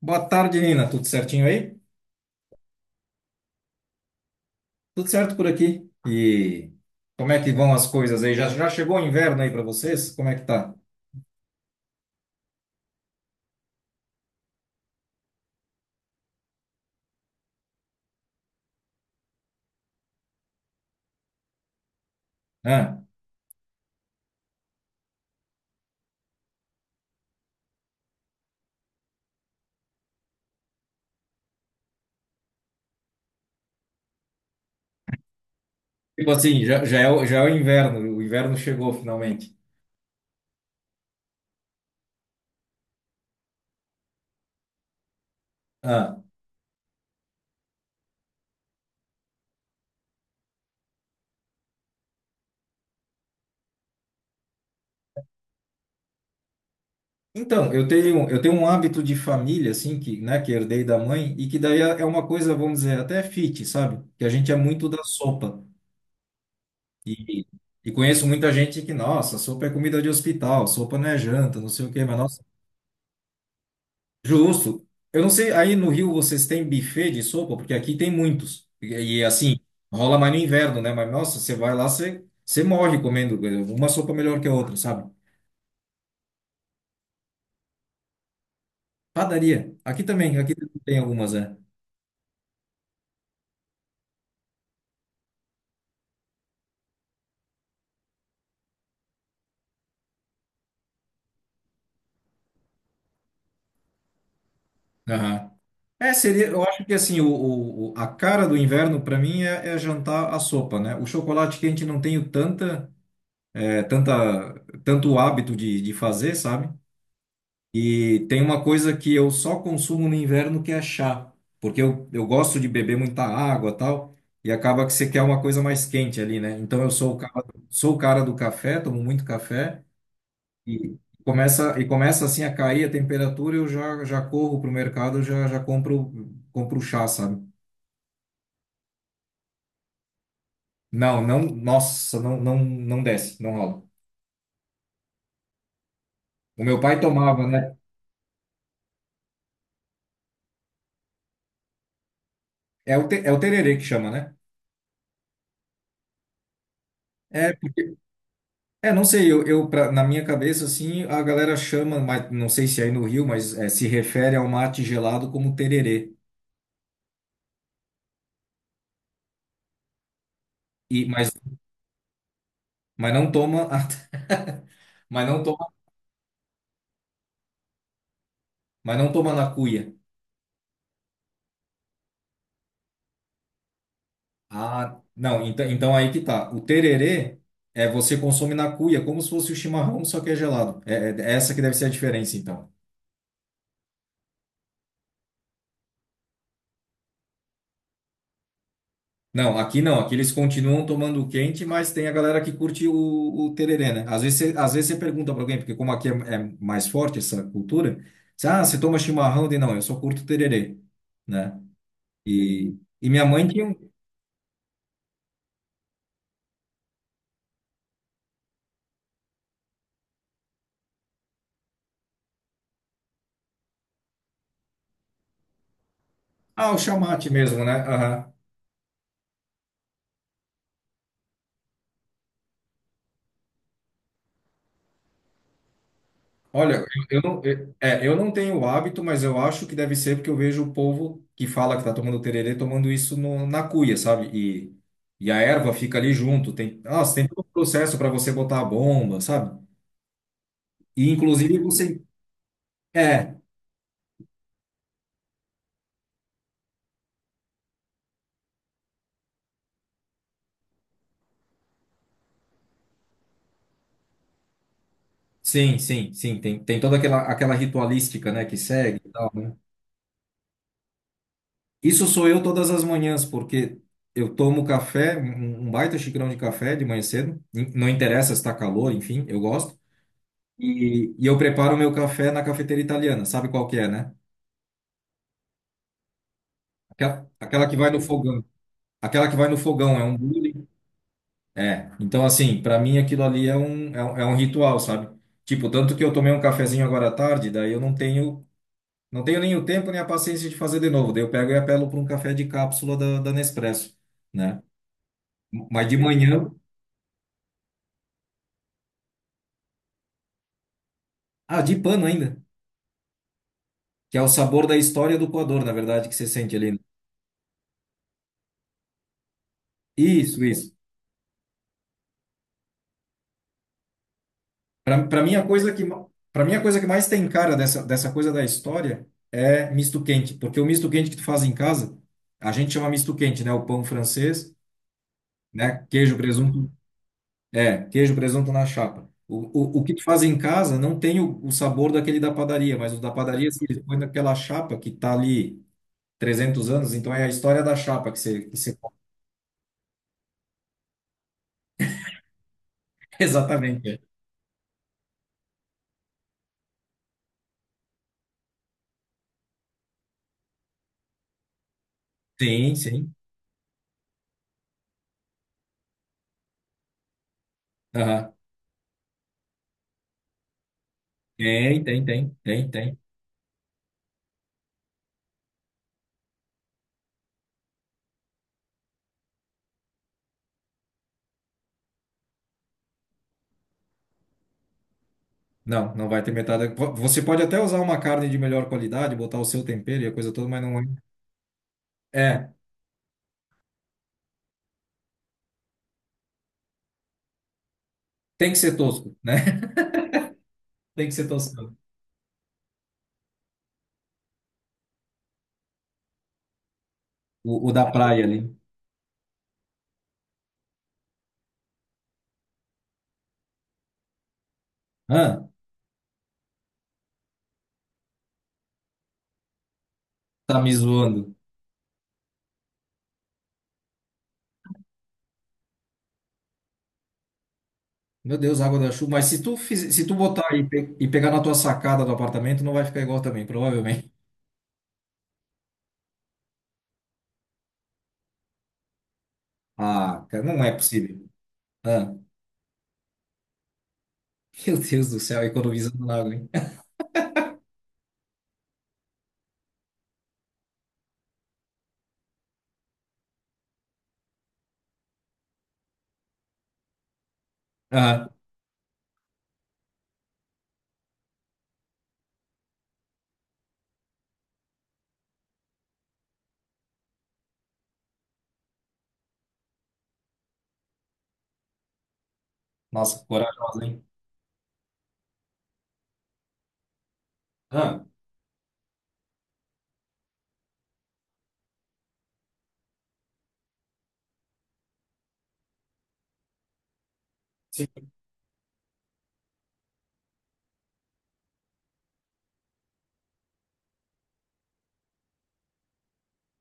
Boa tarde, Nina. Tudo certinho aí? Tudo certo por aqui. E como é que vão as coisas aí? Já chegou o inverno aí para vocês? Como é que tá? Ah, tipo assim, já é o inverno. O inverno chegou finalmente. Ah, então, eu tenho um hábito de família, assim, que, né, que herdei da mãe e que daí é uma coisa, vamos dizer, até fit, sabe? Que a gente é muito da sopa. E, e conheço muita gente que, nossa, sopa é comida de hospital, sopa não é janta, não sei o quê, mas nossa. Justo. Eu não sei, aí no Rio vocês têm buffet de sopa? Porque aqui tem muitos. E assim, rola mais no inverno, né? Mas nossa, você vai lá, você morre comendo uma sopa melhor que a outra, sabe? Padaria. Aqui também, aqui tem algumas, é. Aham. É, seria, eu acho que assim, a cara do inverno para mim é jantar a sopa, né? O chocolate quente não tenho é, tanta, tanto hábito de fazer, sabe? E tem uma coisa que eu só consumo no inverno que é chá, porque eu gosto de beber muita água tal, e acaba que você quer uma coisa mais quente ali, né? Então eu sou o cara do café, tomo muito café e e começa assim a cair a temperatura, eu já corro pro mercado, já compro chá, sabe? Não, não, nossa, não desce, não rola. O meu pai tomava, né? É o tererê que chama, né? é É, não sei, na minha cabeça, assim, a galera chama, mas não sei se é aí no Rio, mas é, se refere ao mate gelado como tererê. E, mas mas não toma, mas não toma na cuia. Ah, não, então aí que tá. O tererê é você consome na cuia, como se fosse o chimarrão, só que é gelado. É essa que deve ser a diferença, então. Não, aqui não. Aqui eles continuam tomando o quente, mas tem a galera que curte o tereré, né? Às vezes, às vezes você pergunta pra alguém, porque como aqui é mais forte essa cultura, você toma chimarrão? Eu digo, não, eu só curto tererê, né? E, e minha mãe tinha um... Ah, o chamate mesmo, né? Aham. Olha, eu não, eu não tenho o hábito, mas eu acho que deve ser porque eu vejo o povo que fala que tá tomando tererê tomando isso na cuia, sabe? E a erva fica ali junto. Tem, nossa, tem todo um processo para você botar a bomba, sabe? E inclusive você. É, sim, sim, sim. Tem toda aquela ritualística, né, que segue e tal, né? Isso sou eu todas as manhãs, porque eu tomo café, um baita xicrão de café de manhã cedo. Não interessa se está calor, enfim, eu gosto. E eu preparo o meu café na cafeteira italiana, sabe qual que é, né? Aquela que vai no fogão. Aquela que vai no fogão, é um bullying. É. Então, assim, para mim aquilo ali é um ritual, sabe? Tipo, tanto que eu tomei um cafezinho agora à tarde, daí eu não tenho nem o tempo nem a paciência de fazer de novo. Daí eu pego e apelo para um café de cápsula da Nespresso, né? Mas de manhã, ah, de pano ainda, que é o sabor da história do coador, na verdade, que você sente ali. Isso, isso. Para mim a coisa que mais tem cara dessa coisa da história é misto quente, porque o misto quente que tu faz em casa, a gente chama misto quente, né? O pão francês, né? Queijo, presunto, é, queijo, presunto na chapa. O que tu faz em casa não tem o sabor daquele da padaria, mas o da padaria, assim, eles põem naquela chapa que tá ali 300 anos, então é a história da chapa que você... Exatamente. É. Sim, sim. Aham. Tem, tem, tem, tem, tem. Não, não vai ter metade. Você pode até usar uma carne de melhor qualidade, botar o seu tempero e a coisa toda, mas não é. É, tem que ser tosco, né? Tem que ser tosco. O da praia ali. Ah, tá me zoando. Meu Deus, água da chuva. Mas se tu botar e, e pegar na tua sacada do apartamento, não vai ficar igual também, provavelmente. Ah, cara, não é possível. Ah, meu Deus do céu, economizando na água, hein? Ah, nossa, corajosa, hein? Ah, sim,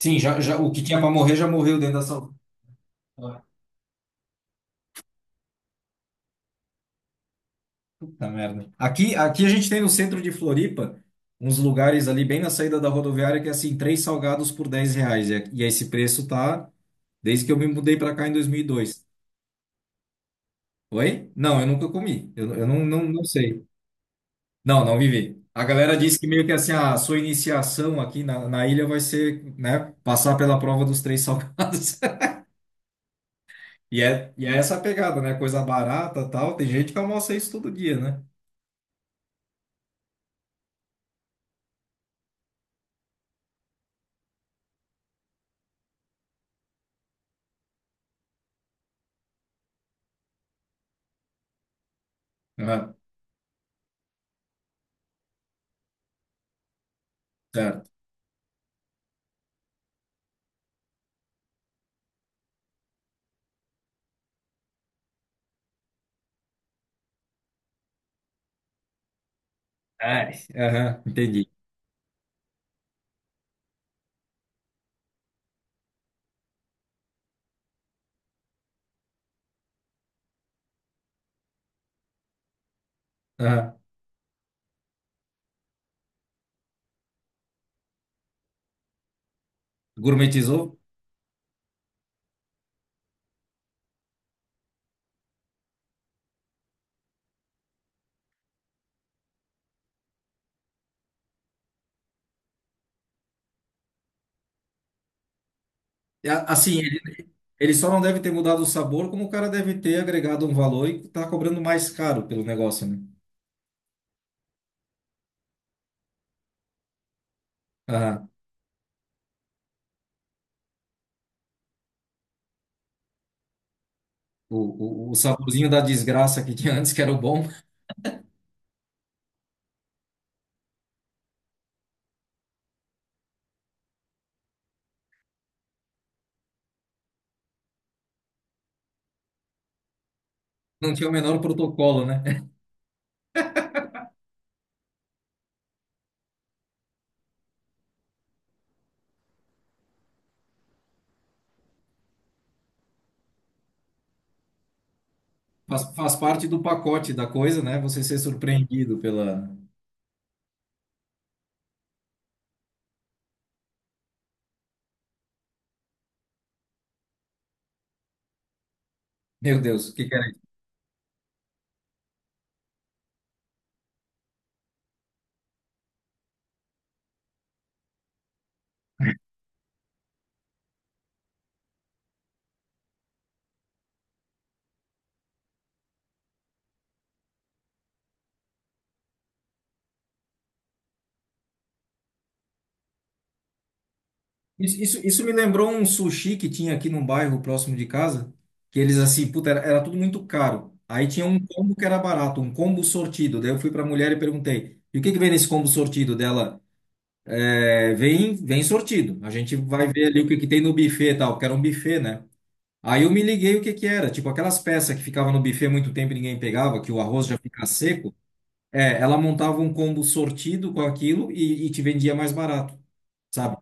sim, já, o que tinha para morrer já morreu dentro da sala. Ah, puta merda. Aqui a gente tem no centro de Floripa uns lugares ali bem na saída da rodoviária que é assim, três salgados por 10 reais. E esse preço tá desde que eu me mudei para cá em 2002. Oi? Não, eu nunca comi. Eu não, sei. Não, não vivi. A galera disse que meio que assim, a sua iniciação aqui na ilha vai ser, né, passar pela prova dos três salgados. E é essa a pegada, né? Coisa barata, tal. Tem gente que almoça isso todo dia, né? Aham, certo. Ai, aham, entendi. Aham. Gourmetizou? É, assim, ele só não deve ter mudado o sabor, como o cara deve ter agregado um valor e tá cobrando mais caro pelo negócio, né? Aham. O saborzinho da desgraça que tinha antes, que era o bom. Não tinha o menor protocolo, né? Faz parte do pacote da coisa, né? Você ser surpreendido pela. Meu Deus, o que que era isso? Isso me lembrou um sushi que tinha aqui num bairro próximo de casa, que eles assim, puta, era tudo muito caro. Aí tinha um combo que era barato, um combo sortido. Daí eu fui pra mulher e perguntei: e o que que vem nesse combo sortido dela? É, vem sortido. A gente vai ver ali o que que tem no buffet e tal, porque era um buffet, né? Aí eu me liguei o que que era, tipo aquelas peças que ficavam no buffet muito tempo e ninguém pegava, que o arroz já fica seco. É, ela montava um combo sortido com aquilo e te vendia mais barato, sabe?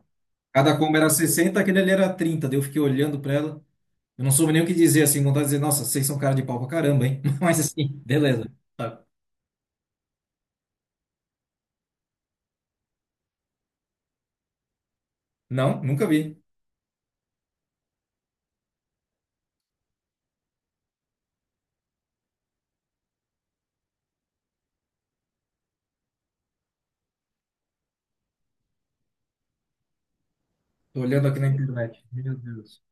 Cada combo era 60, aquele ali era 30. Daí eu fiquei olhando pra ela. Eu não soube nem o que dizer, assim, vontade de dizer, nossa, vocês são cara de pau pra caramba, hein? Mas assim, beleza. Sabe? Não, nunca vi. Tô olhando aqui na internet. Meu Deus.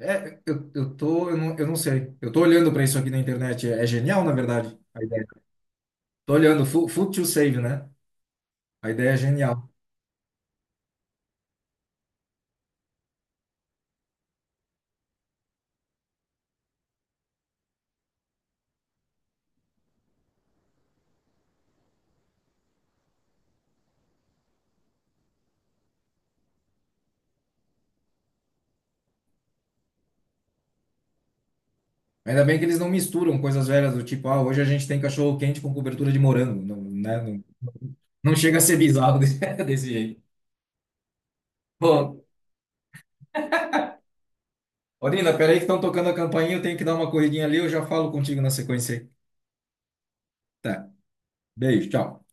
É, eu não sei. Eu tô olhando pra isso aqui na internet. É genial, na verdade, a ideia. Tô olhando, Food to Save, né? A ideia é genial. Ainda bem que eles não misturam coisas velhas do tipo, ah, hoje a gente tem cachorro quente com cobertura de morango. Não, né? Não, não chega a ser bizarro desse jeito. Bom, Orina, peraí que estão tocando a campainha, eu tenho que dar uma corridinha ali, eu já falo contigo na sequência aí. Tá, beijo, tchau.